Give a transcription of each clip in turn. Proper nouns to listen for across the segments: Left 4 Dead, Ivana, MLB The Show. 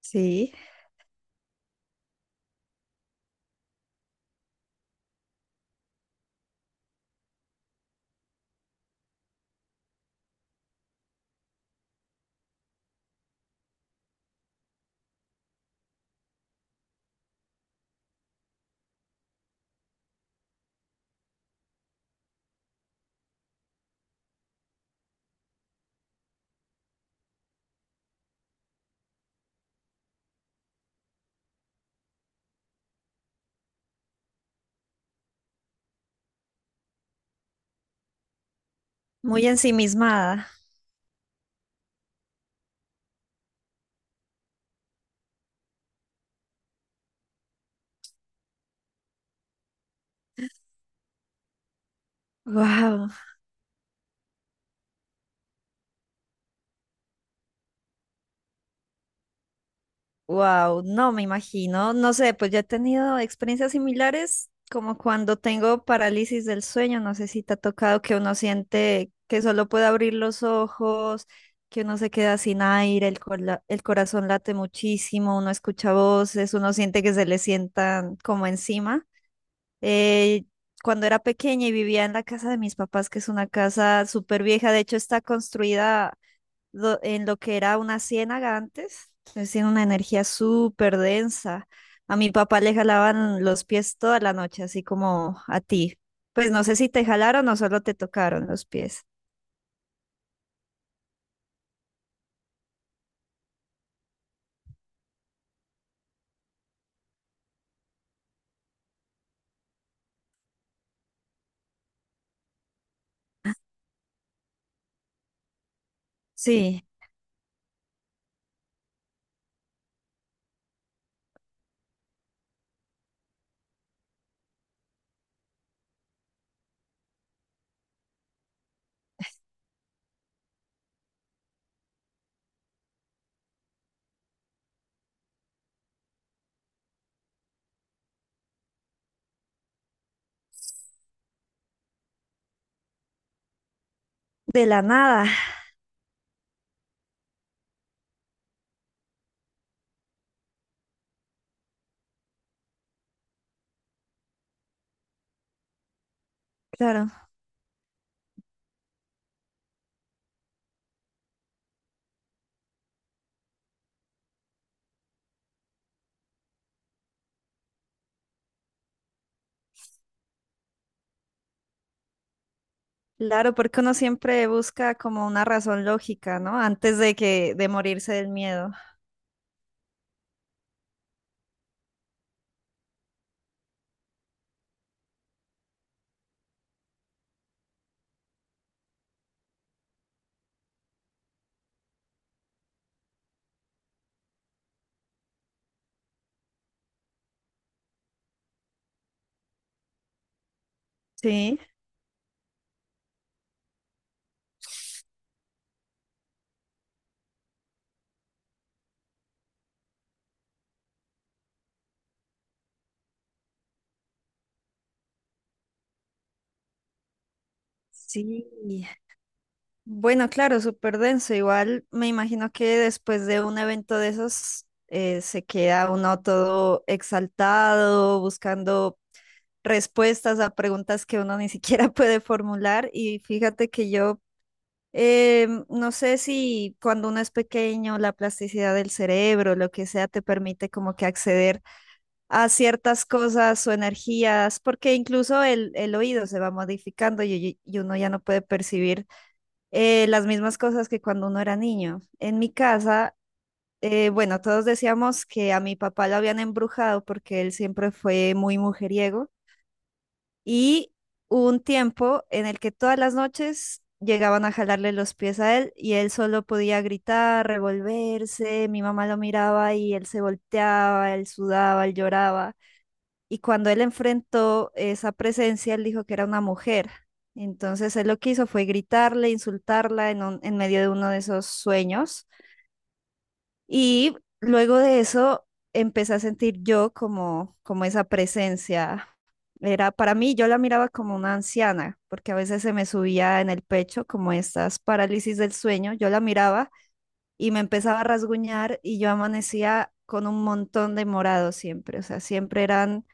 Sí, muy ensimismada. Wow, wow, no me imagino, no sé, pues yo he tenido experiencias similares como cuando tengo parálisis del sueño, no sé si te ha tocado que uno siente que solo puede abrir los ojos, que uno se queda sin aire, el corazón late muchísimo, uno escucha voces, uno siente que se le sientan como encima. Eh, cuando era pequeña y vivía en la casa de mis papás, que es una casa súper vieja, de hecho está construida en lo que era una ciénaga antes. Entonces tiene una energía súper densa. A mi papá le jalaban los pies toda la noche, así como a ti. Pues no sé si te jalaron o solo te tocaron los pies. Sí, de la nada, claro. Claro, porque uno siempre busca como una razón lógica, ¿no? Antes de que de morirse del miedo. Sí, sí. Bueno, claro, súper denso. Igual me imagino que después de un evento de esos se queda uno todo exaltado, buscando respuestas a preguntas que uno ni siquiera puede formular. Y fíjate que yo no sé si cuando uno es pequeño, la plasticidad del cerebro, lo que sea, te permite como que acceder a ciertas cosas o energías, porque incluso el oído se va modificando y uno ya no puede percibir las mismas cosas que cuando uno era niño. En mi casa, bueno, todos decíamos que a mi papá lo habían embrujado porque él siempre fue muy mujeriego y hubo un tiempo en el que todas las noches llegaban a jalarle los pies a él y él solo podía gritar, revolverse, mi mamá lo miraba y él se volteaba, él sudaba, él lloraba. Y cuando él enfrentó esa presencia, él dijo que era una mujer. Entonces él lo que hizo fue gritarle, insultarla en, en medio de uno de esos sueños. Y luego de eso empecé a sentir yo como, como esa presencia. Era para mí, yo la miraba como una anciana, porque a veces se me subía en el pecho como estas parálisis del sueño. Yo la miraba y me empezaba a rasguñar y yo amanecía con un montón de morados siempre. O sea, siempre eran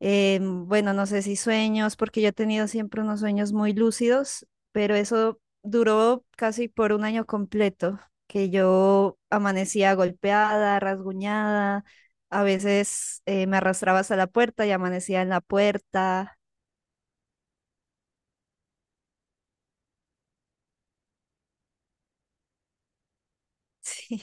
bueno, no sé si sueños, porque yo he tenido siempre unos sueños muy lúcidos, pero eso duró casi por un año completo, que yo amanecía golpeada, rasguñada, a veces me arrastraba hasta la puerta y amanecía en la puerta. Sí,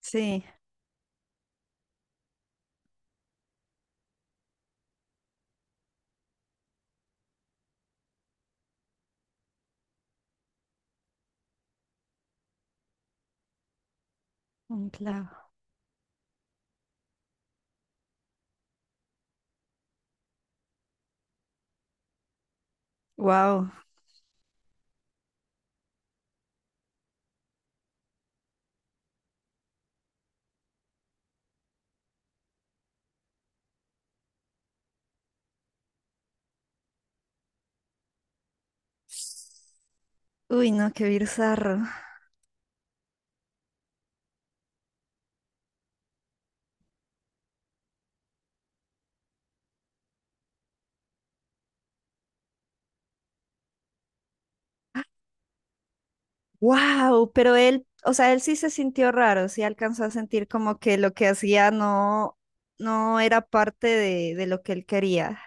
sí, un clavo. Wow. Uy, no, qué bizarro. Wow, pero él, o sea, él sí se sintió raro, sí alcanzó a sentir como que lo que hacía no, no era parte de lo que él quería.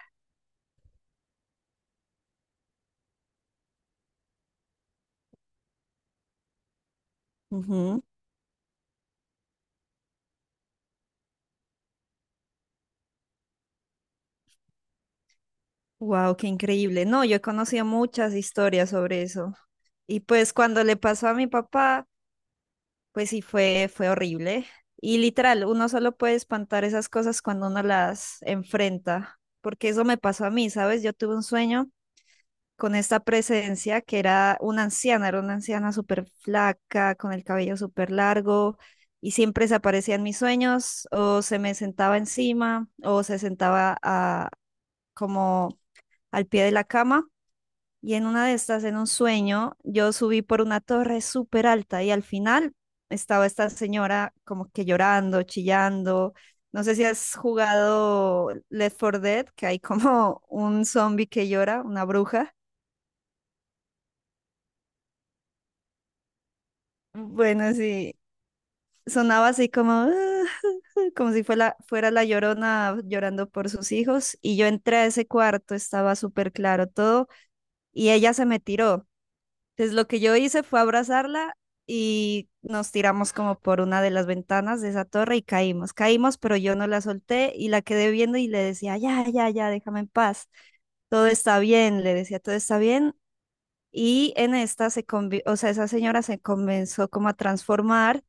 Wow, qué increíble. No, yo he conocido muchas historias sobre eso. Y pues cuando le pasó a mi papá, pues sí fue, fue horrible. Y literal, uno solo puede espantar esas cosas cuando uno las enfrenta, porque eso me pasó a mí, ¿sabes? Yo tuve un sueño con esta presencia que era una anciana súper flaca, con el cabello súper largo, y siempre se aparecía en mis sueños, o se me sentaba encima, o se sentaba a- como al pie de la cama. Y en una de estas, en un sueño, yo subí por una torre súper alta y al final estaba esta señora como que llorando, chillando. No sé si has jugado Left 4 Dead, que hay como un zombie que llora, una bruja. Bueno, sí, sonaba así como, "Ah", como si fuera, fuera la llorona llorando por sus hijos. Y yo entré a ese cuarto, estaba súper claro todo, y ella se me tiró. Entonces lo que yo hice fue abrazarla y nos tiramos como por una de las ventanas de esa torre y caímos. Caímos, pero yo no la solté y la quedé viendo y le decía, ya, ya, ya, déjame en paz. Todo está bien, le decía, todo está bien. Y en esta o sea, esa señora se comenzó como a transformar,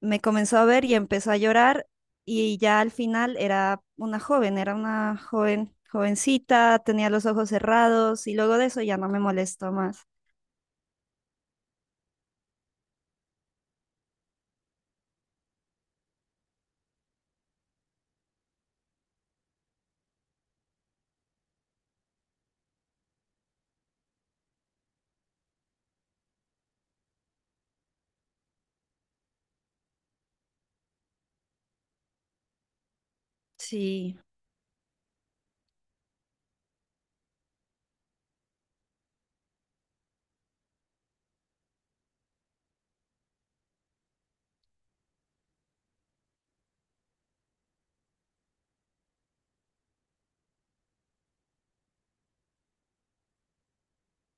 me comenzó a ver y empezó a llorar y ya al final era una joven, jovencita, tenía los ojos cerrados y luego de eso ya no me molestó más. Sí,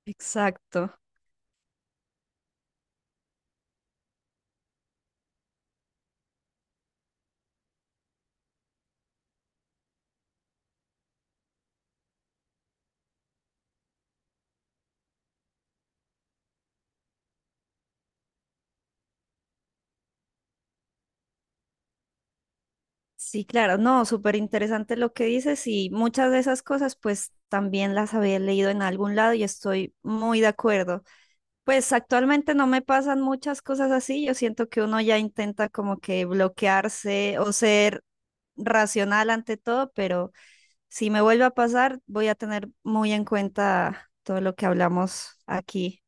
exacto. Sí, claro, no, súper interesante lo que dices y muchas de esas cosas pues también las había leído en algún lado y estoy muy de acuerdo. Pues actualmente no me pasan muchas cosas así, yo siento que uno ya intenta como que bloquearse o ser racional ante todo, pero si me vuelve a pasar, voy a tener muy en cuenta todo lo que hablamos aquí.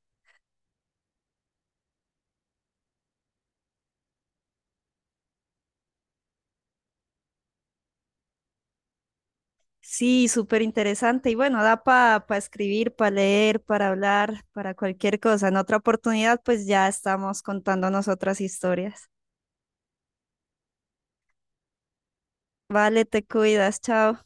Sí, súper interesante. Y bueno, da para escribir, para leer, para hablar, para cualquier cosa. En otra oportunidad, pues ya estamos contando nosotras historias. Vale, te cuidas, chao.